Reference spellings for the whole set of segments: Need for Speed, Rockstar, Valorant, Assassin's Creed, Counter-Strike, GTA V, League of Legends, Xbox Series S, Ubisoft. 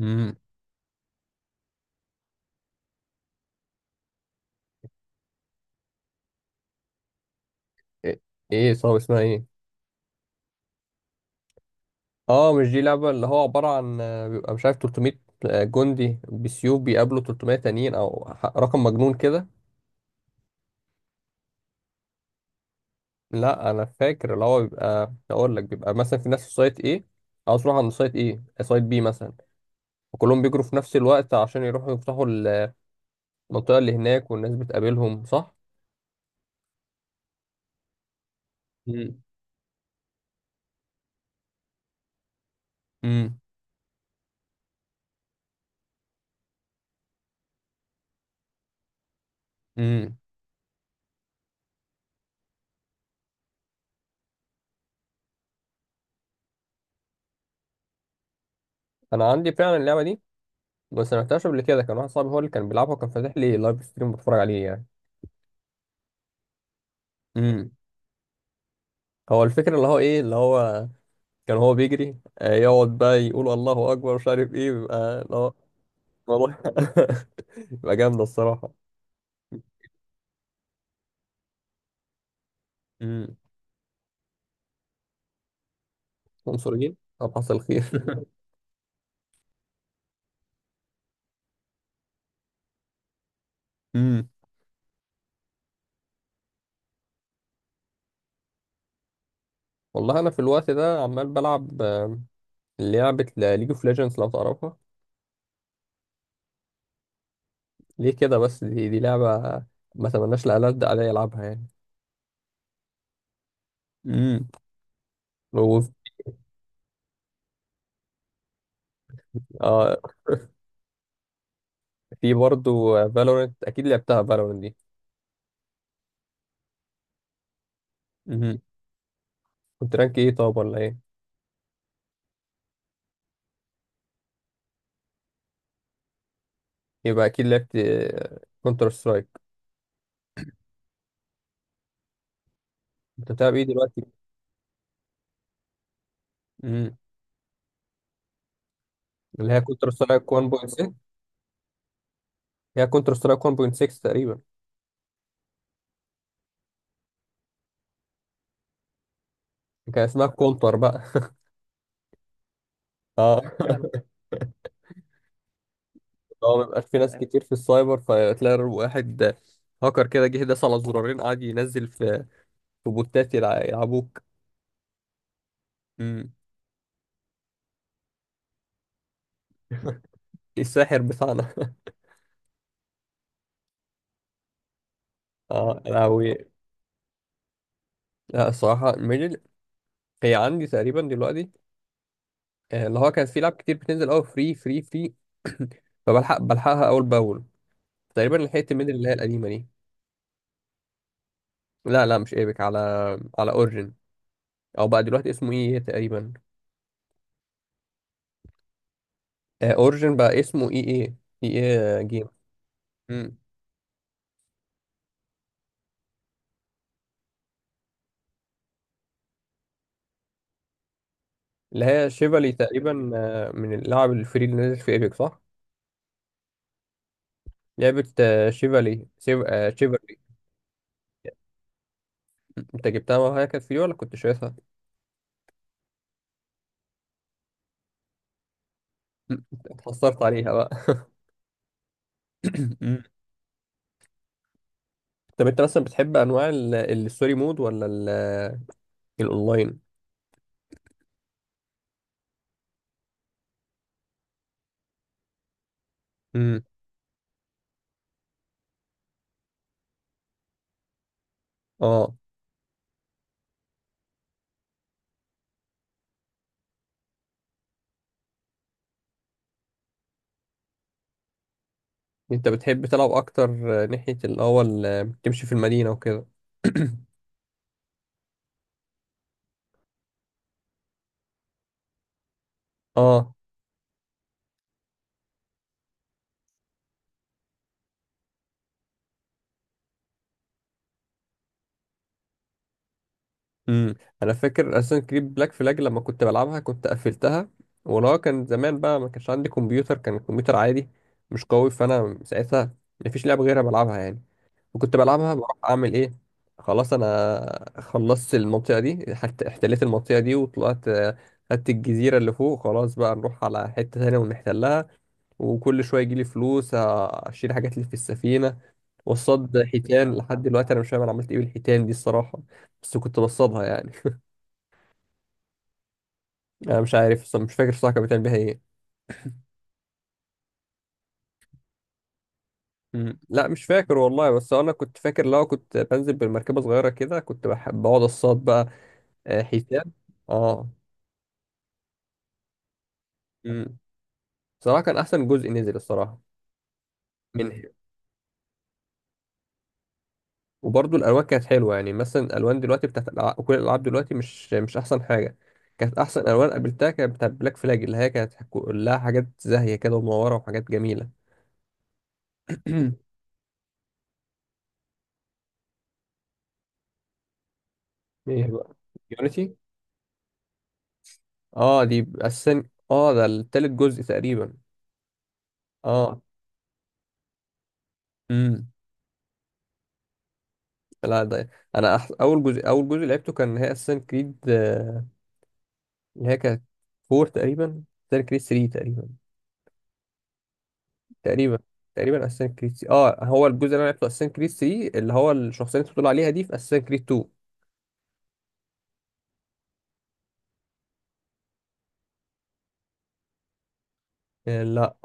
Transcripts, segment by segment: امم. ايه. إيه، صعب اسمها ايه؟ اه، مش دي لعبة اللي هو عبارة عن بيبقى مش عارف 300 جندي بسيوف بيقابلوا 300 تانيين او رقم مجنون كده. لا، انا فاكر اللي هو بيبقى اقول لك بيبقى مثلا في ناس في سايت ايه، عاوز يروح عند سايت ايه، سايت بي مثلا، وكلهم بيجروا في نفس الوقت عشان يروحوا يفتحوا المنطقة اللي هناك والناس بتقابلهم، صح. امم. امم. امم. انا عندي فعلا اللعبة دي، بس ما لعبتهاش قبل كده. كان واحد صاحبي هو اللي كان بيلعبها وكان فاتح لي لايف ستريم بتفرج عليه. يعني هو الفكرة اللي هو ايه اللي هو كان هو بيجري، يقعد بقى يقول الله اكبر، مش عارف ايه بيبقى اللي هو. والله. بيبقى جامدة الصراحة. امم. عنصريين؟ طب حصل خير. امم. والله انا في الوقت ده عمال بلعب لعبة ليج اوف ليجندز، لو تعرفها. ليه كده بس؟ دي لعبة ما تمناش لألد عليا يلعبها يعني. امم. وف- آه. في برضو فالورنت، اكيد لعبتها فالورنت دي. امم. كنت رانك ايه طب ولا ايه؟ يبقى اكيد لعبت كونتر سترايك. انت بتلعب ايه دلوقتي؟ امم. اللي هي كونتر سترايك 1.6. هي كونتر سترايك 1.6 تقريبا. كان اسمها كونتر بقى. اه. هو ما بيبقاش في ناس كتير في السايبر، فتلاقي واحد هاكر كده جه داس على زرارين قعد ينزل في بوتات يلعبوك. امم. الساحر بتاعنا. اه لهوي. لا الصراحة، ميدل هي عندي تقريبا دلوقتي. اللي هو كان في لعب كتير بتنزل قوي، فري فري فري. فبلحق بلحقها اول باول. تقريبا لحقت ميدل اللي هي القديمة دي. لا لا، مش ايبك. على اورجن، او بقى دلوقتي اسمه اي اي تقريبا. اورجن بقى اسمه اي اي. اي. اي جيم. مم. اللي هي شيفالي تقريبا، من اللاعب الفري اللي نزل في ايبك، صح. لعبة آه، شيفالي شيف... آه، شيفالي. مم. انت جبتها وهي كانت فري ولا كنت شايفها؟ مم. اتحصرت عليها بقى. مم. طب انت مثلا بتحب انواع الستوري مود ولا الاونلاين؟ مم. اه. انت بتحب تلعب اكتر، ناحية الاول، تمشي في المدينة وكده. اه. امم. انا فاكر اساسا كريد بلاك فلاج لما كنت بلعبها كنت قفلتها. ولو كان زمان بقى، ما كانش عندي كمبيوتر، كان الكمبيوتر عادي مش قوي، فانا ساعتها ما فيش لعبه غيرها بلعبها يعني. وكنت بلعبها بروح اعمل ايه. خلاص، انا خلصت المنطقه دي، حتى احتليت المنطقه دي وطلعت، خدت الجزيره اللي فوق. خلاص بقى نروح على حته تانية ونحتلها. وكل شويه يجيلي فلوس، اشيل حاجات اللي في السفينه، وصاد حيتان. لحد دلوقتي انا مش فاهم انا عملت ايه بالحيتان دي الصراحه، بس كنت بصطادها يعني. انا مش عارف اصلا، مش فاكر الصراحه كان بتعمل بيها ايه. مم. لا مش فاكر والله، بس انا كنت فاكر لو كنت بنزل بالمركبه صغيره كده كنت بحب اقعد اصطاد بقى حيتان. اه. مم. صراحه كان احسن جزء نزل الصراحه منه. وبرضه الالوان كانت حلوه. يعني مثلا الالوان دلوقتي بتاعت كل الالعاب دلوقتي مش احسن حاجه. كانت احسن الوان قابلتها كانت بتاعت بلاك فلاج، اللي هي كانت كلها حاجات زاهيه كده ومنوره وحاجات جميله. ايه بقى؟ يونيتي. اه، دي اساسا. اه ده التالت جزء تقريبا. اه. امم. لا، ده انا اول جزء لعبته كان هي اساسا كريد، اللي هي كانت 4 تقريبا. اساسا كريد 3 تقريبا تقريبا اساسا كريد 3. اه هو الجزء اللي انا لعبته اساسا كريد 3، اللي هو الشخصيه اللي انت بتقول عليها دي في اساسا كريد 2. آه لا،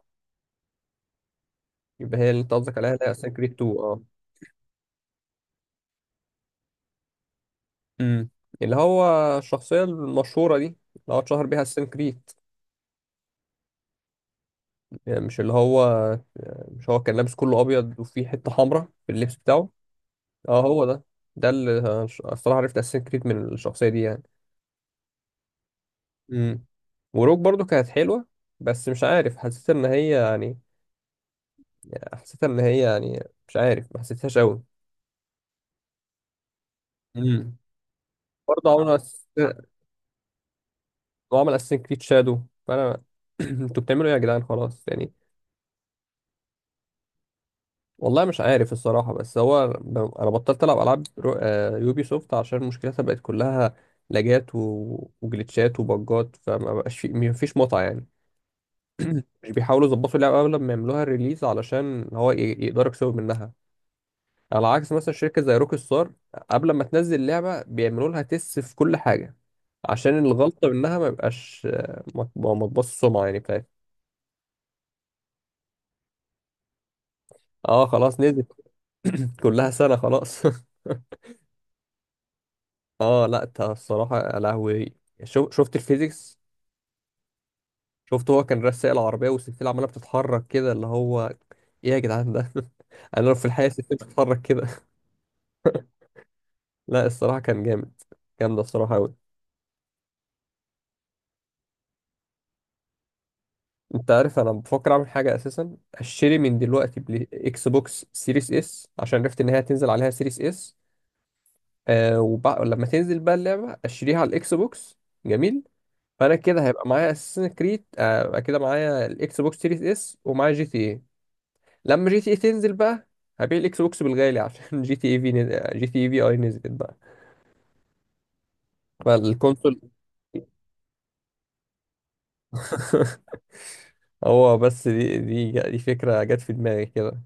يبقى هي اللي انت قصدك عليها اللي هي اساسا كريد 2، اه. امم. اللي هو الشخصيه المشهوره دي اللي هو اتشهر بيها اساسا كريد، يعني مش اللي هو، مش هو كان لابس كله ابيض وفيه حته حمراء في اللبس بتاعه. اه، هو ده. ده اللي أنا الصراحه عرفت اساسن كريد من الشخصيه دي يعني. امم. وروك برضو كانت حلوه، بس مش عارف حسيت ان هي يعني، حسيت ان هي يعني مش عارف، ما حسيتهاش قوي. امم. برضه عملوا وعمل اساسن كريد شادو، فانا انتوا بتعملوا ايه يا جدعان؟ خلاص يعني. والله مش عارف الصراحة، بس هو أنا بطلت ألعب ألعاب رو... آه، يوبي سوفت، عشان مشكلتها بقت كلها لاجات وجلitchات وبجات، فما بقاش في، مفيش متعة يعني. مش بيحاولوا يظبطوا اللعبة قبل ما يعملوها الريليز، علشان هو يقدروا يكسبوا منها. على عكس مثلا شركة زي روك ستار، قبل ما تنزل لعبة بيعملوا لها تيست في كل حاجة، عشان الغلطة منها ما يبقاش، ما تبص السمعة يعني بتاعتها. اه. خلاص نزلت. كلها سنة خلاص. اه، لا انت الصراحه، يا لهوي شو شفت الفيزيكس؟ شفت هو كان رسائل العربيه والسلسله عماله بتتحرك كده اللي هو، ايه يا جدعان ده؟ انا لو في الحقيقه السلسله بتتحرك كده! لا الصراحه كان جامد. جامد الصراحه قوي. انت عارف انا بفكر اعمل حاجه، اساسا اشتري من دلوقتي اكس بوكس سيريس اس، عشان عرفت ان هي هتنزل عليها سيريس اس. لما تنزل بقى اللعبه اشتريها على الاكس بوكس. جميل. فانا كده هيبقى معايا اساسن كريد، كده معايا الاكس بوكس سيريس اس ومعايا جي تي. لما جي تي اي تنزل بقى، هبيع الاكس بوكس بالغالي عشان جي تي اي في نزل، جي تي اي في اي نزلت بقى فالكونسول. هو بس دي فكرة جت في دماغي كده.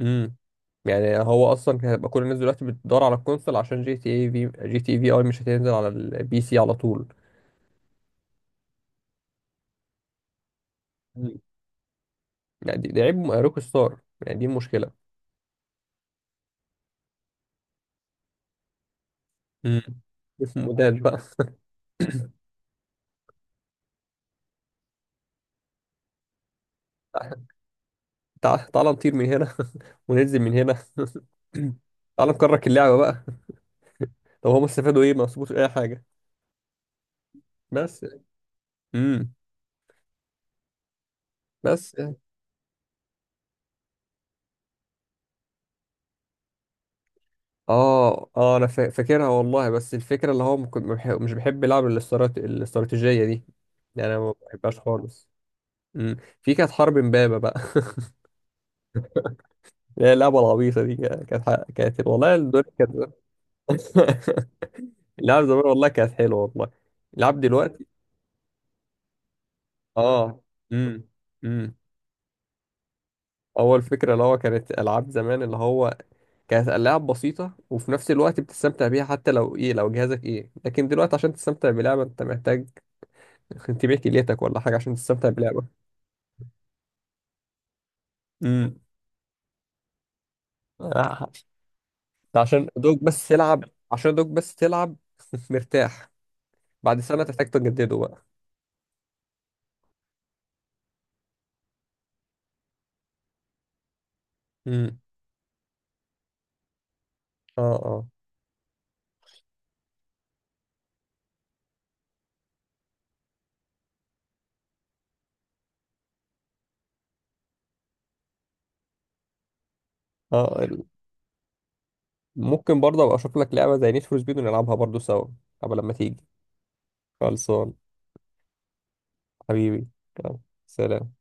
امم. يعني هو اصلا كان هيبقى كل الناس دلوقتي بتدور على الكونسول، عشان جي تي اي في، جي تي اي في اي مش هتنزل على البي سي على طول. مم. يعني دي عيب روك ستار. يعني دي مشكلة. امم. اسم مودات بقى. تعال نطير من هنا. وننزل من هنا. تعال نكرك اللعبة بقى. طب هم استفادوا ايه؟ ما استفادوش اي حاجة. بس. امم. بس يعني. اه اه، انا فاكرها والله، بس الفكره اللي هو ممكن- ما بح- مش بحب العب الاستراتيجيه دي. يعني انا ما بحبهاش خالص. امم. في كانت حرب امبابه بقى. اللي هي اللعبه العبيطه دي كانت، والله الدنيا كانت. اللعب زمان والله كانت حلوه، والله. اللعب دلوقتي. اه. امم. امم. اول فكره اللي هو كانت العاب زمان، اللي هو كانت ألعاب بسيطة وفي نفس الوقت بتستمتع بيها حتى لو إيه، لو جهازك إيه. لكن دلوقتي عشان تستمتع بلعبة أنت محتاج تبيع كليتك ولا حاجة عشان تستمتع بلعبة. امم. آه. عشان دوك بس تلعب. عشان دوك بس تلعب. مرتاح. بعد سنة تحتاج تجدده بقى. امم. اه اه. اه ممكن برضه ابقى اشوف لك لعبة زي نيد فور سبيد ونلعبها برضه سوا قبل لما تيجي. خلصان. حبيبي. يلا. سلام.